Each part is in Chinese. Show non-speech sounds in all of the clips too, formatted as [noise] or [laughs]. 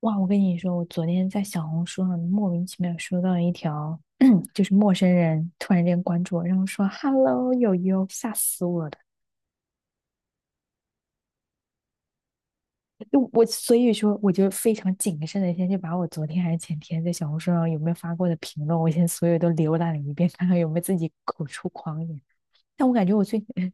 哇，我跟你说，我昨天在小红书上莫名其妙收到一条，[clears throat] 就是陌生人突然间关注我，然后说 "hello 友友"，吓死我了。就我所以说，我就非常谨慎的先去把我昨天还是前天在小红书上有没有发过的评论，我先所有都浏览了一遍，看看有没有自己口出狂言。但我感觉我最近。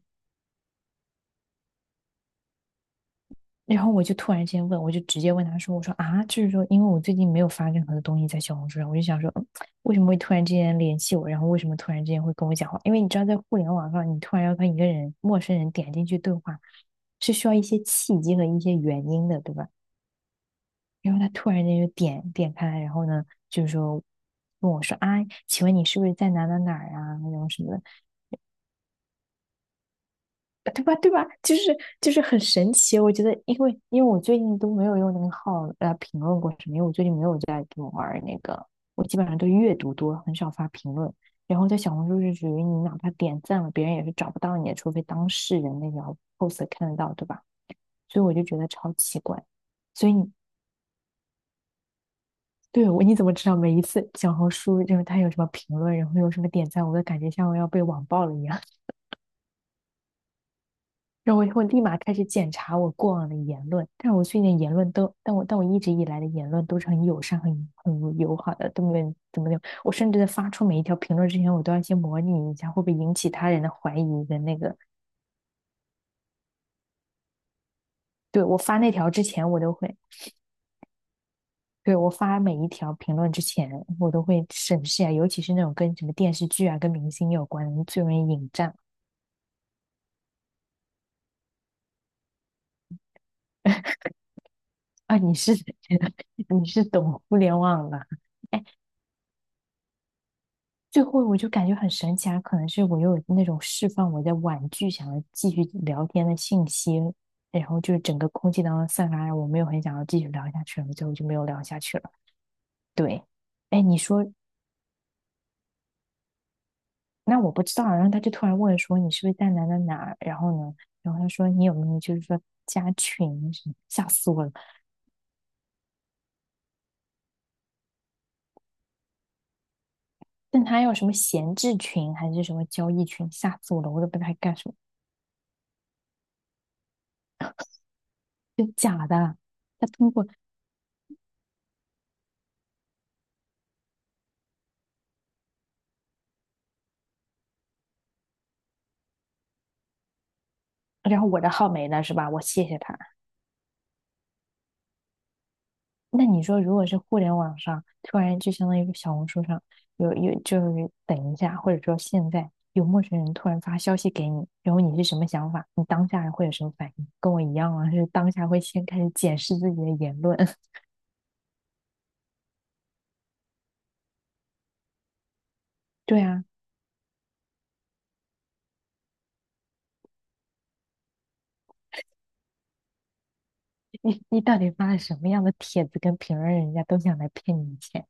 然后我就突然之间问，我就直接问他说："我说啊，就是说，因为我最近没有发任何的东西在小红书上，我就想说，为什么会突然之间联系我？然后为什么突然之间会跟我讲话？因为你知道，在互联网上，你突然要跟一个人、陌生人点进去对话，是需要一些契机和一些原因的，对吧？然后他突然间就点开，然后呢，就是说问我说啊，请问你是不是在哪哪哪儿啊？然后什么的。对吧？对吧？就是很神奇，我觉得，因为我最近都没有用那个号来评论过什么，因为我最近没有在玩那个，我基本上都阅读多，很少发评论。然后在小红书是属于你哪怕点赞了，别人也是找不到你的，除非当事人那条 post 看得到，对吧？所以我就觉得超奇怪。所以你对我你怎么知道每一次小红书就是他有什么评论，然后有什么点赞，我都感觉像我要被网暴了一样。然后我就会立马开始检查我过往的言论，但我最近言论都，但我一直以来的言论都是很友善、很友好的，都没有怎么的。我甚至在发出每一条评论之前，我都要先模拟一下会不会引起他人的怀疑的那个。对，我发那条之前，我都会，对，我发每一条评论之前，我都会审视啊，尤其是那种跟什么电视剧啊、跟明星有关的，最容易引战啊。你是 [laughs] 你是懂互联网的。最后我就感觉很神奇啊，可能是我又有那种释放我在婉拒想要继续聊天的信息，然后就整个空气当中散发，我没有很想要继续聊下去了，最后就没有聊下去了。对，哎，你说，那我不知道啊然后他就突然问说你是不是在哪哪哪，然后呢，然后他说你有没有就是说加群什么，吓死我了。但他要什么闲置群还是什么交易群，吓死我了，我都不知道他干什么，真假的啊，他通过，然后我的号没了是吧？我谢谢他。那你说，如果是互联网上突然就相当于小红书上有，就是等一下，或者说现在有陌生人突然发消息给你，然后你是什么想法？你当下会有什么反应？跟我一样啊，是当下会先开始检视自己的言论。[laughs] 对啊，你你到底发了什么样的帖子跟评论，人家都想来骗你钱？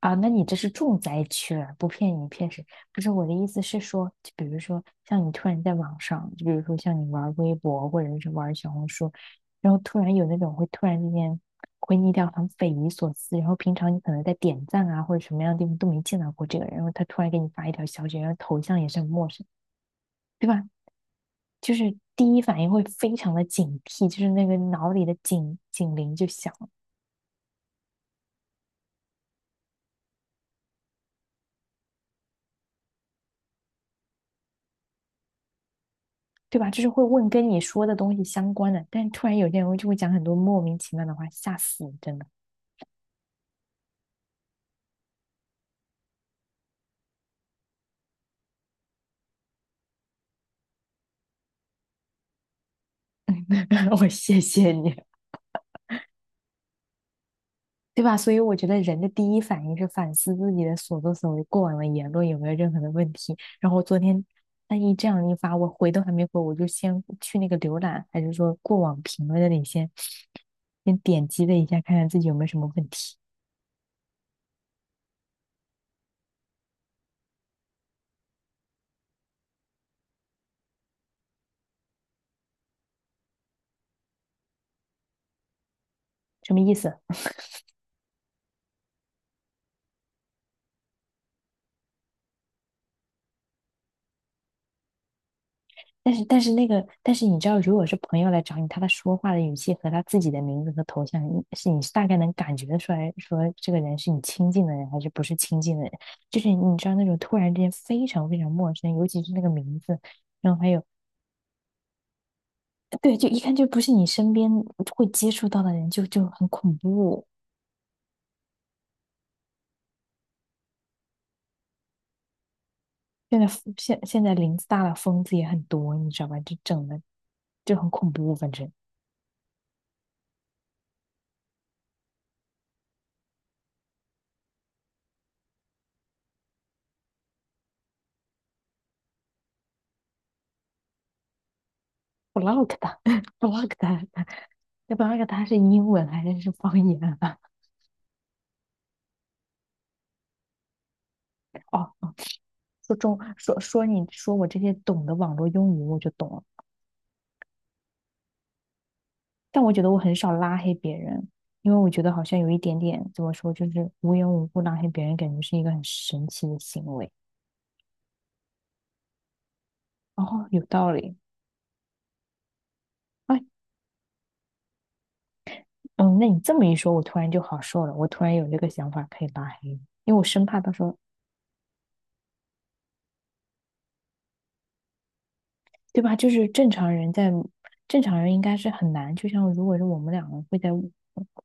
啊，那你这是重灾区了，不骗你骗谁？不是我的意思是说，就比如说像你突然在网上，就比如说像你玩微博或者是玩小红书，然后突然有那种会突然之间回你一条很匪夷所思，然后平常你可能在点赞啊或者什么样的地方都没见到过这个人，然后他突然给你发一条消息，然后头像也是很陌生，对吧？就是第一反应会非常的警惕，就是那个脑里的警铃就响了。对吧？就是会问跟你说的东西相关的，但是突然有些人就会讲很多莫名其妙的话，吓死你，真的。[laughs] 我谢谢你，对吧？所以我觉得人的第一反应是反思自己的所作所为，过往的言论有没有任何的问题。然后昨天那一这样一发，我回都还没回，我就先去那个浏览，还是说过往评论那里先先点击了一下，看看自己有没有什么问题，什么意思？但是但是那个，但是你知道，如果是朋友来找你，他的说话的语气和他自己的名字和头像，你是大概能感觉得出来，说这个人是你亲近的人还是不是亲近的人。就是你知道那种突然之间非常非常陌生，尤其是那个名字，然后还有，对，就一看就不是你身边会接触到的人，就就很恐怖。现在现在林子大了，疯子也很多，你知道吧？就整的就很恐怖，反正 block 他 [laughs] block 他，[laughs] block 他是英文还是是方言啊？哦，说中说说你说我这些懂的网络用语，我就懂了。但我觉得我很少拉黑别人，因为我觉得好像有一点点怎么说，就是无缘无故拉黑别人，感觉是一个很神奇的行为。哦，有道理。哎，嗯，那你这么一说，我突然就好受了。我突然有这个想法可以拉黑，因为我生怕到时候对吧？就是正常人在正常人应该是很难，就像如果是我们两个会在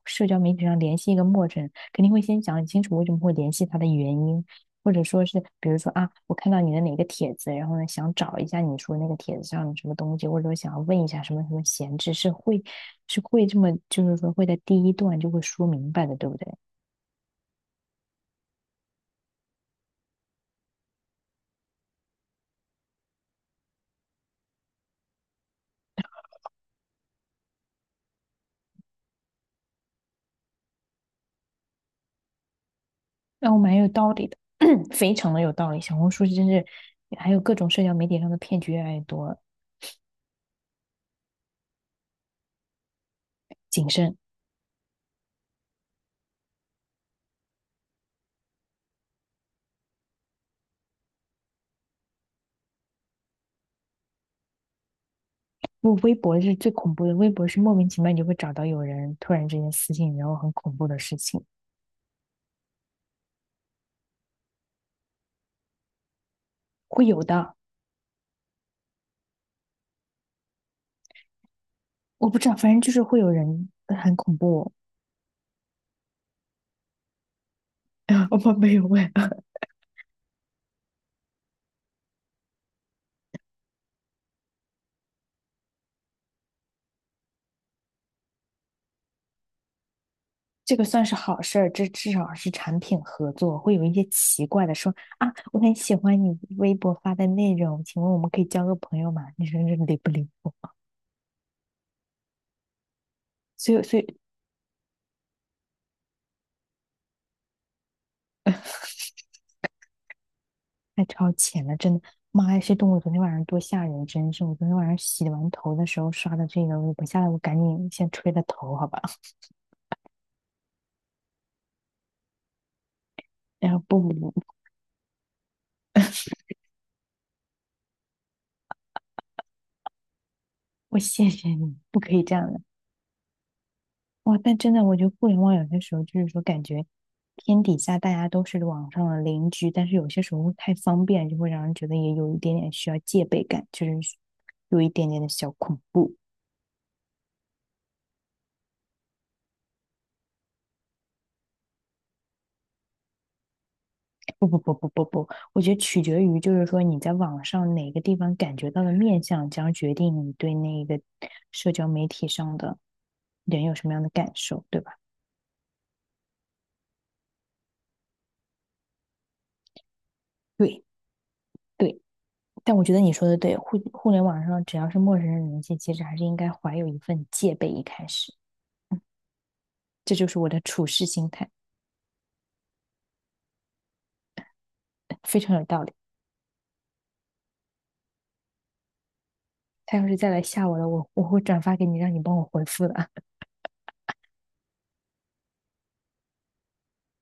社交媒体上联系一个陌生人，肯定会先讲清楚为什么会联系他的原因，或者说是比如说啊，我看到你的哪个帖子，然后呢想找一下你说那个帖子上的什么东西，或者说想要问一下什么什么闲置，是会这么就是说会在第一段就会说明白的，对不对？然后蛮有道理的，[coughs] [clears throat] 非常的有道理。小红书真是还有各种社交媒体上的骗局越来越多，谨慎。我微博是最恐怖的。微博是莫名其妙你就会找到有人突然之间私信然后很恐怖的事情，会有的。我不知道，反正就是会有人，很恐怖。[laughs] 我们没有问，[laughs] 这个算是好事儿，这至少是产品合作，会有一些奇怪的说啊，我很喜欢你微博发的内容，请问我们可以交个朋友吗？你说这离 [laughs] 不离谱？所以太超前了，真的！妈呀，这动物昨天晚上多吓人，真是！我昨天晚上洗完头的时候刷的这个微博，我下来我赶紧先吹了头，好吧？[laughs] 然后不，我谢谢你，不可以这样的。哇，但真的，我觉得互联网有些时候就是说，感觉天底下大家都是网上的邻居，但是有些时候太方便，就会让人觉得也有一点点需要戒备感，就是有一点点的小恐怖。不不不不不不，我觉得取决于就是说你在网上哪个地方感觉到的面相，将决定你对那个社交媒体上的人有什么样的感受，对吧？对对，但我觉得你说的对，互联网上只要是陌生人联系，其实还是应该怀有一份戒备。一开始，这就是我的处事心态，[laughs] 非常有道理。他要是再来吓我了，我会转发给你，让你帮我回复的。